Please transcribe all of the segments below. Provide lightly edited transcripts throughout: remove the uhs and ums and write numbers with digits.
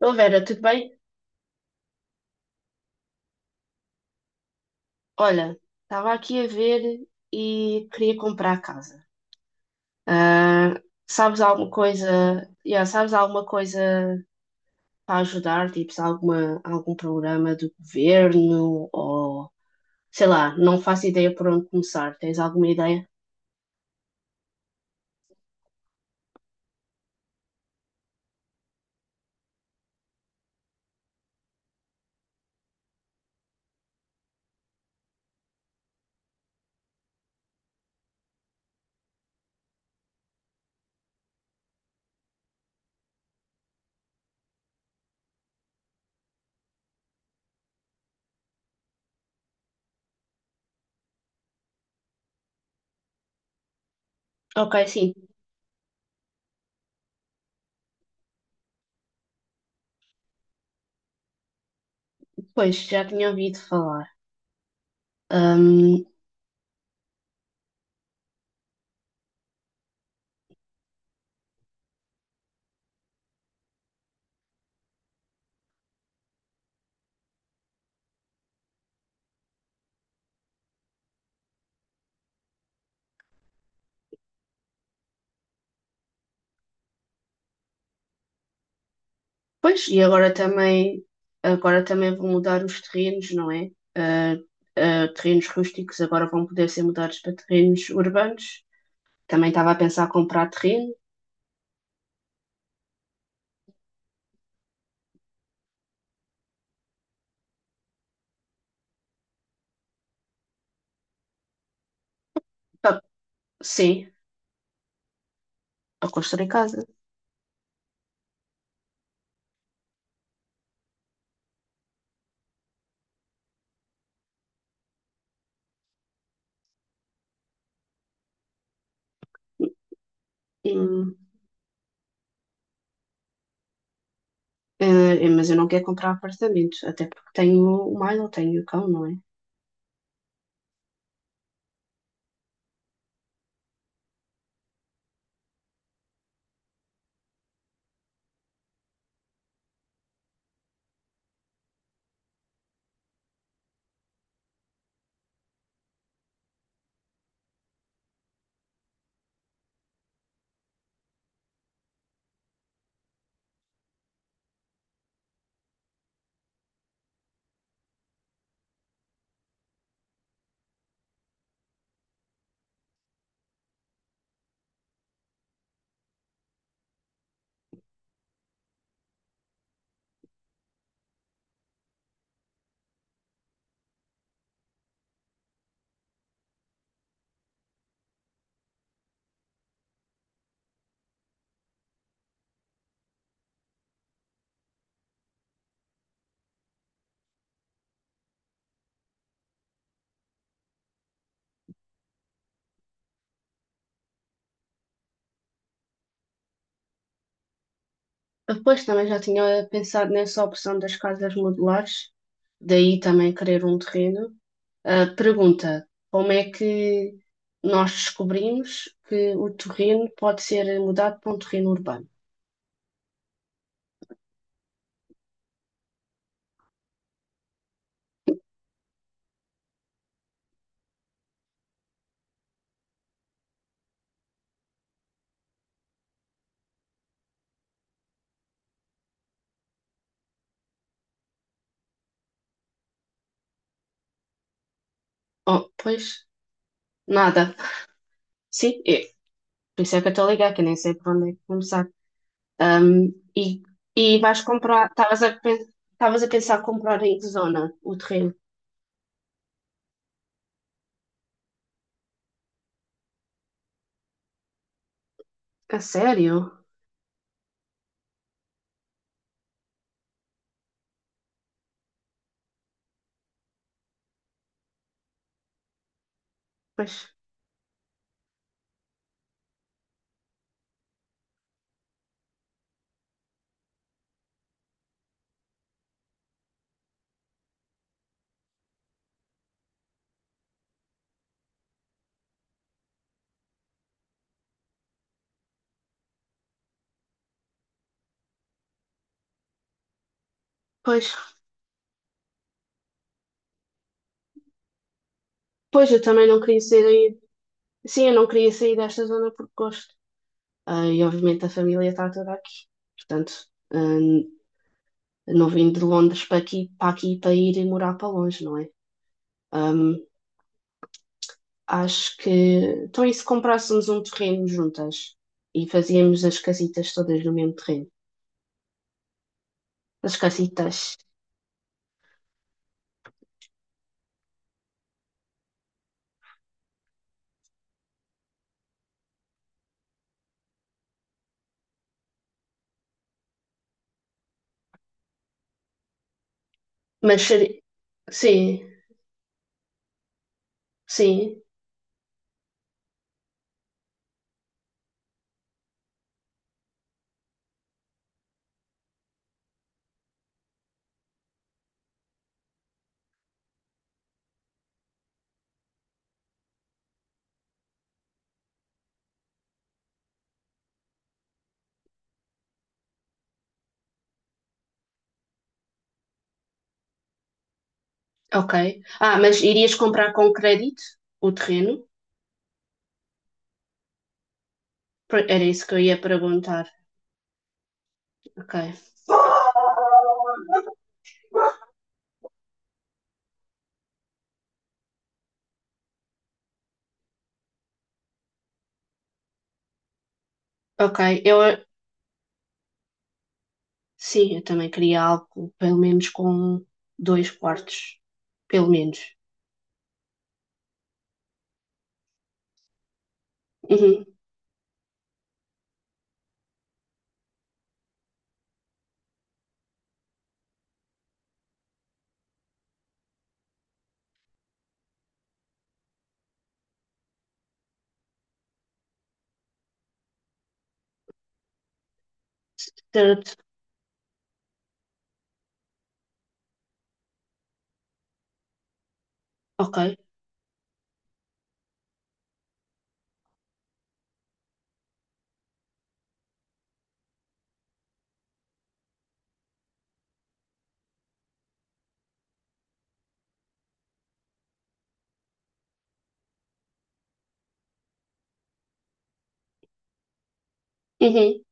Ô Vera, tudo bem? Olha, estava aqui a ver e queria comprar casa. Ah, Sabes alguma coisa? Yeah, sabes alguma coisa para ajudar? Tipo, se algum programa do governo ou sei lá, não faço ideia por onde começar. Tens alguma ideia? Ok, sim, pois já tinha ouvido falar. Pois, e agora também vão mudar os terrenos, não é? Ah, Terrenos rústicos agora vão poder ser mudados para terrenos urbanos. Também estava a pensar comprar terreno. Pá, sim, para construir casa. Hum, hum, mas eu não quero comprar apartamentos, até porque tenho o Milo, tenho o cão, não é? Depois também já tinha pensado nessa opção das casas modulares, daí também querer um terreno. Ah, pergunta: como é que nós descobrimos que o terreno pode ser mudado para um terreno urbano? Oh, pois, nada. Sim, é. Por isso é que eu estou a ligar, que eu nem sei por onde é que começar. Ahm, e, e vais comprar, estavas a, pen- Estavas a pensar comprar em que zona o terreno? A sério? Pois, pois, Pois, eu também não queria ser. Sim, eu não queria sair desta zona por gosto. Ah, e obviamente a família está toda aqui. Portanto, ah, não vim de Londres para aqui, para aqui para ir e morar para longe, não é? Ah, acho que. Então, e se comprássemos um terreno juntas e fazíamos as casitas todas no mesmo terreno? As casitas. Mas seri- sim, sim, ok. Ah, mas irias comprar com crédito o terreno? Era isso que eu ia perguntar. Ok. Ok, eu, Sim, eu também queria algo pelo menos com dois quartos, pelo menos. Uhum, certo, ok. Uhum.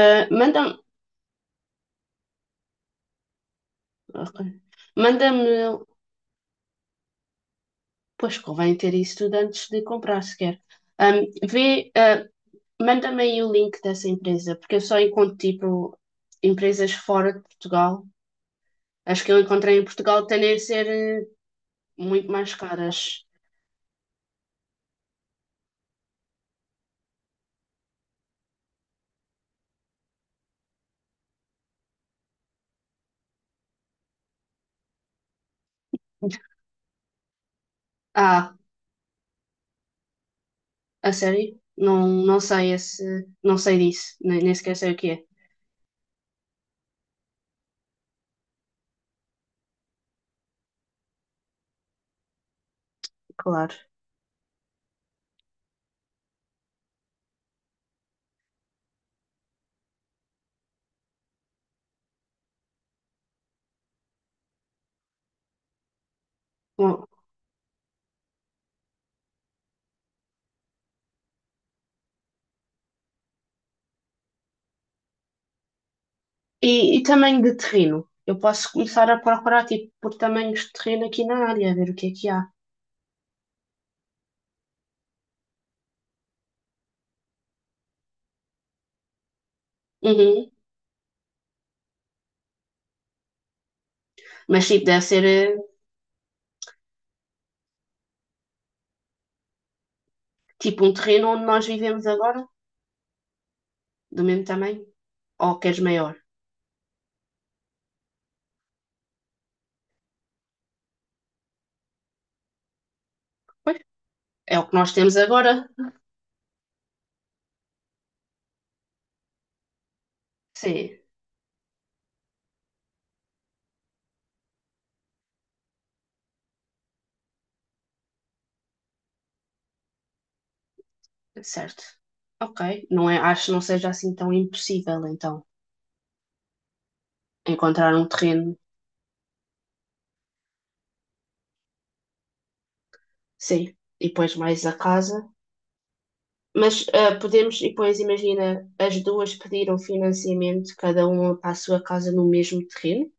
Ah, manda-me, ok. Manda-me, pois convém ter isso tudo antes de comprar sequer. Ahm, Vê, manda-me aí o link dessa empresa, porque eu só encontro tipo empresas fora de Portugal. As que eu encontrei em Portugal tendem a ser muito mais caras. Ah, a sério? Não, não sei esse, não sei disso, nem, nem sequer sei o que é. Claro. Bom, e tamanho de terreno? Eu posso começar a procurar, tipo, por tamanhos de terreno aqui na área, ver o que é que há. Uhum. Mas, tipo, deve ser, eh, tipo, um terreno onde nós vivemos agora, do mesmo tamanho. Ou queres maior? Pois, é o que nós temos agora. Sim, certo. Ok. Não é, acho que não seja assim tão impossível, então, encontrar um terreno. Sim. E depois mais a casa. Mas ah, podemos, e depois imagina, as duas pediram financiamento, cada uma para a sua casa no mesmo terreno?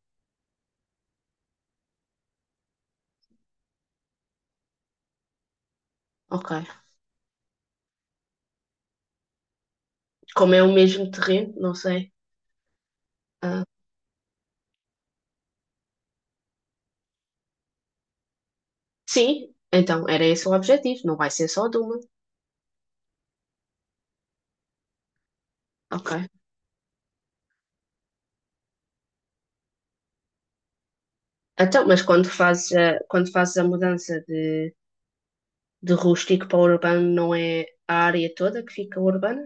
Ok. Como é o mesmo terreno, não sei. Ah, sim, então era esse o objetivo, não vai ser só de uma. Ok. Então, mas quando fazes a mudança de rústico para urbano, não é a área toda que fica urbana?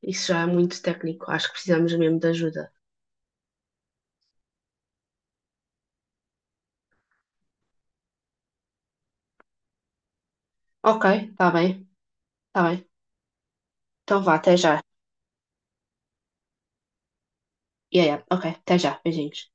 Isso já é muito técnico, acho que precisamos mesmo de ajuda. Ok, está bem, está bem. Então vá, até já. Yeah, yeah. Ok, até já, beijinhos.